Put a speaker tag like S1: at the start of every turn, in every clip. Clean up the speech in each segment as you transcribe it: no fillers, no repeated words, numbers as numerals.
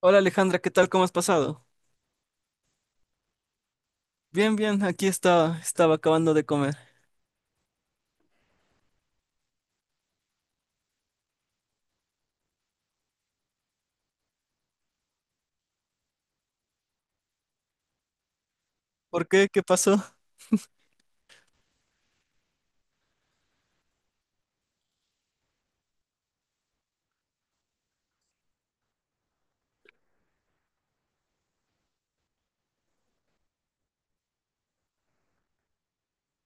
S1: Hola Alejandra, ¿qué tal? ¿Cómo has pasado? Bien, bien, aquí estaba acabando de comer. ¿Por qué? ¿Qué pasó?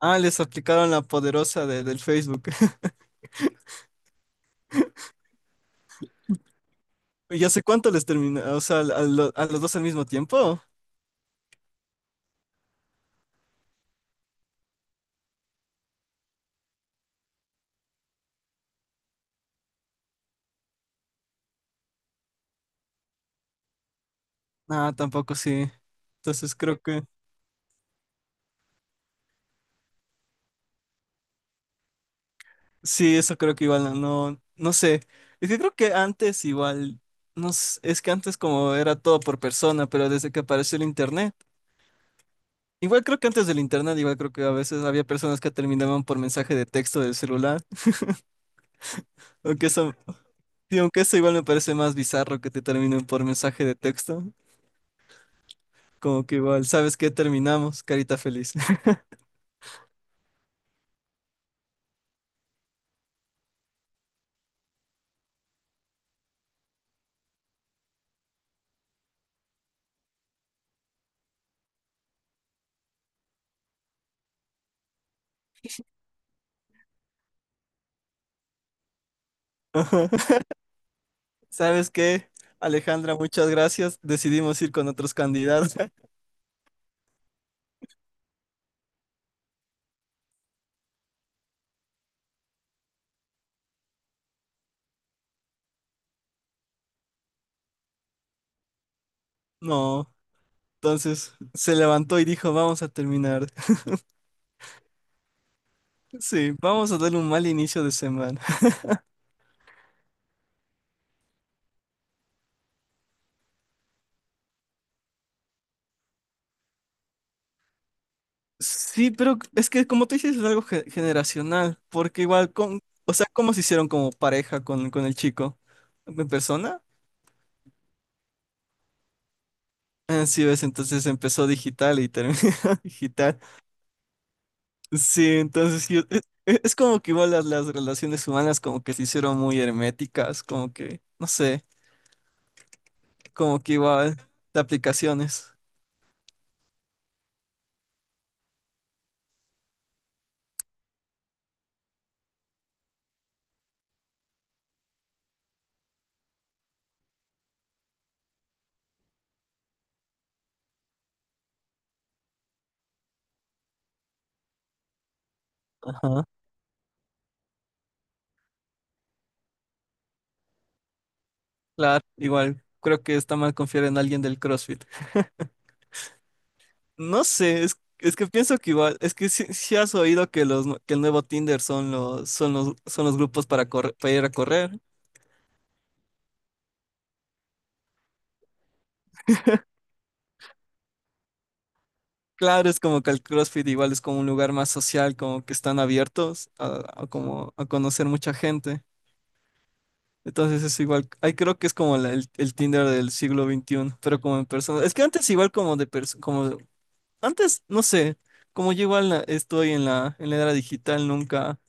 S1: Ah, les aplicaron la poderosa del Facebook. ¿Y hace cuánto les terminó? O sea, ¿ a los dos al mismo tiempo? Ah, tampoco sí. Entonces creo que, sí, eso creo que igual no, no, no sé. Es que creo que antes igual, no sé, es que antes como era todo por persona, pero desde que apareció el internet, igual creo que antes del internet, igual creo que a veces había personas que terminaban por mensaje de texto del celular. Aunque eso, Y aunque eso igual me parece más bizarro que te terminen por mensaje de texto. Como que igual, ¿sabes qué? Terminamos, carita feliz. Ajá. ¿Sabes qué? Alejandra, muchas gracias. Decidimos ir con otros candidatos. No. Entonces se levantó y dijo, vamos a terminar. Sí, vamos a darle un mal inicio de semana. Sí, pero es que como tú dices, es algo generacional, porque igual con, o sea, ¿cómo se hicieron como pareja con el chico? ¿En persona? Ah, sí, ves, entonces empezó digital y terminó digital. Sí, entonces sí, es como que igual las relaciones humanas como que se hicieron muy herméticas, como que, no sé, como que igual de aplicaciones. Ajá. Claro, igual creo que está mal confiar en alguien del CrossFit. No sé, es que pienso que igual, es que si has oído que los que el nuevo Tinder son los grupos para correr, para ir a correr. Claro, es como que el CrossFit igual es como un lugar más social, como que están abiertos a como a conocer mucha gente. Entonces es igual, ahí creo que es como el Tinder del siglo XXI, pero como en persona. Es que antes igual como antes, no sé, como yo igual estoy en la era digital, nunca,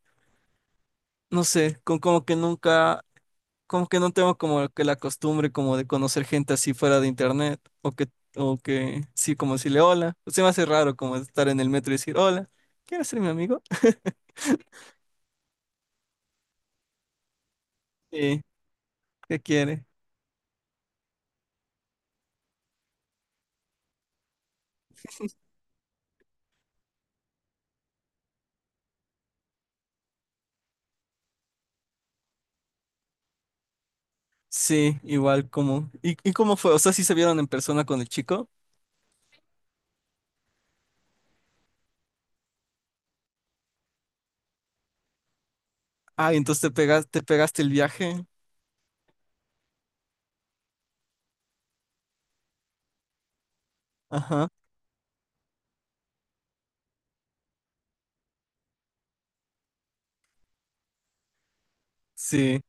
S1: no sé, con, como que nunca como que no tengo como que la costumbre como de conocer gente así fuera de internet o que sí como decirle hola. Se me hace raro como estar en el metro y decir hola, ¿quieres ser mi amigo? Sí, ¿qué quiere? Sí, igual como, ¿y cómo fue? O sea, ¿sí se vieron en persona con el chico? Ah, y entonces te pegaste el viaje. Ajá. Sí.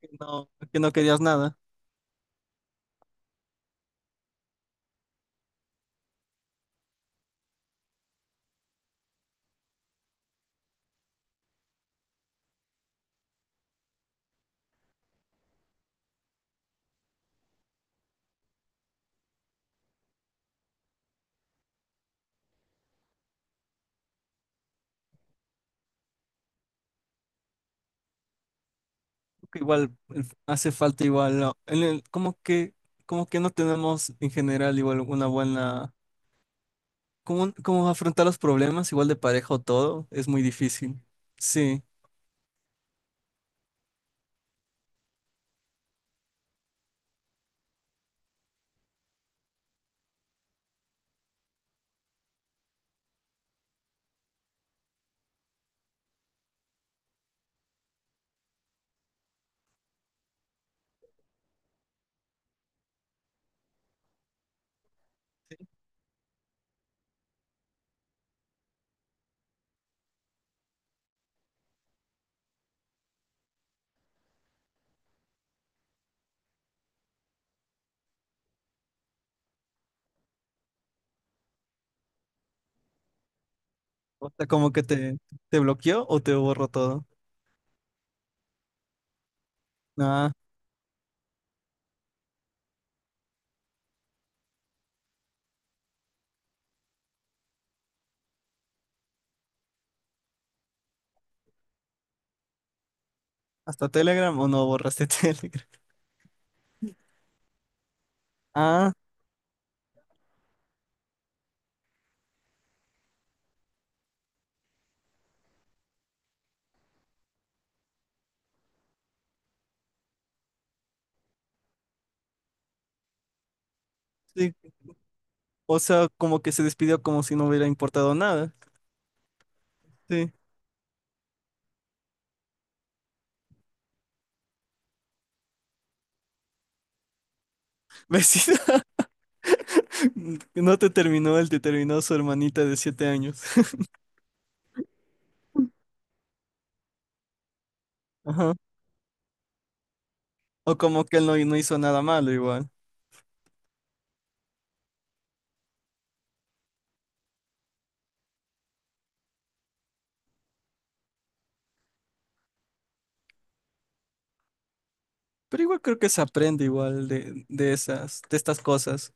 S1: Que no querías nada. Que Igual, hace falta igual, ¿no? En el, como que no tenemos en general igual una buena. ¿Cómo, afrontar los problemas, igual de pareja o todo? Es muy difícil. Sí. O sea, como que te bloqueó o te borró todo. Ah, ¿hasta Telegram o no borraste Telegram? Ah, sí. O sea, como que se despidió como si no hubiera importado nada. Sí. Vecina, no te terminó él, te terminó su hermanita de 7 años. Ajá. O como que él no, no hizo nada malo igual. Pero igual creo que se aprende igual de estas cosas.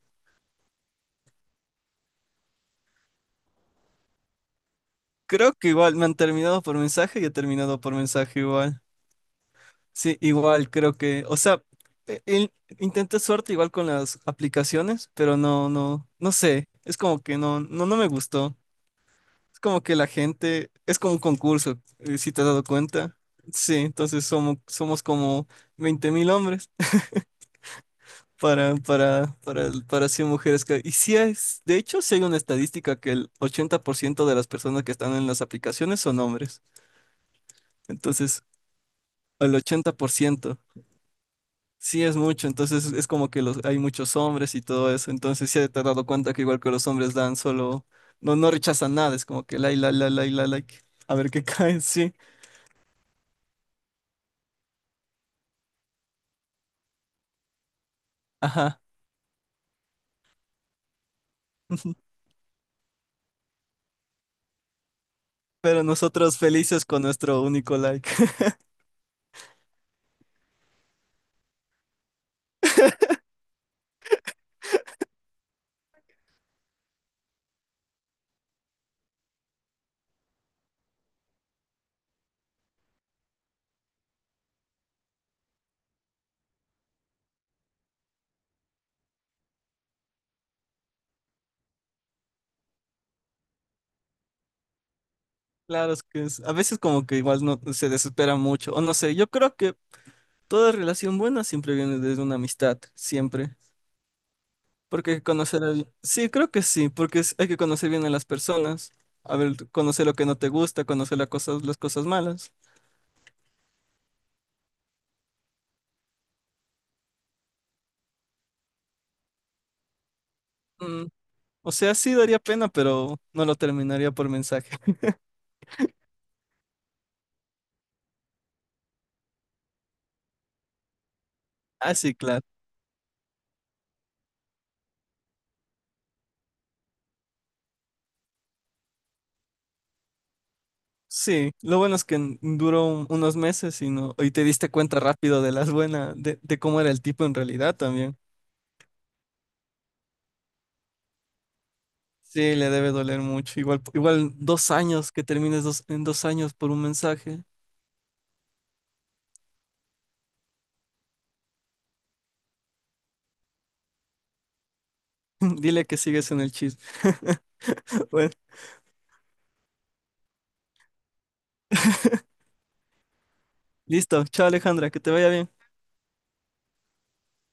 S1: Creo que igual me han terminado por mensaje y he terminado por mensaje igual. Sí, igual creo que, o sea, e- el- intenté suerte igual con las aplicaciones, pero no, no, no sé. Es como que no, no, no me gustó. Es como que la gente, es como un concurso, si te has dado cuenta. Sí, entonces somos como 20.000 hombres para 100 mujeres. Y sí es, de hecho, sí hay una estadística que el 80% de las personas que están en las aplicaciones son hombres. Entonces, el 80%. Sí, es mucho, entonces es como que hay muchos hombres y todo eso, entonces sí te has dado cuenta que igual que los hombres dan solo, no, no rechazan nada, es como que la like, a ver qué cae, sí, ajá. Pero nosotros felices con nuestro único like. Claro, es que a veces como que igual no se desespera mucho, o no sé, yo creo que toda relación buena siempre viene desde una amistad, siempre. Porque hay que conocer a. Sí, creo que sí, porque hay que conocer bien a las personas. A ver, conocer lo que no te gusta, conocer las cosas malas. Mm, O sea, sí daría pena, pero no lo terminaría por mensaje. Ah, sí, claro. Sí, lo bueno es que duró unos meses y no, y te diste cuenta rápido de las buenas, de cómo era el tipo en realidad también. Sí, le debe doler mucho. Igual 2 años que termines en 2 años por un mensaje. Dile que sigues en el chisme. Bueno, listo. Chao, Alejandra, que te vaya bien.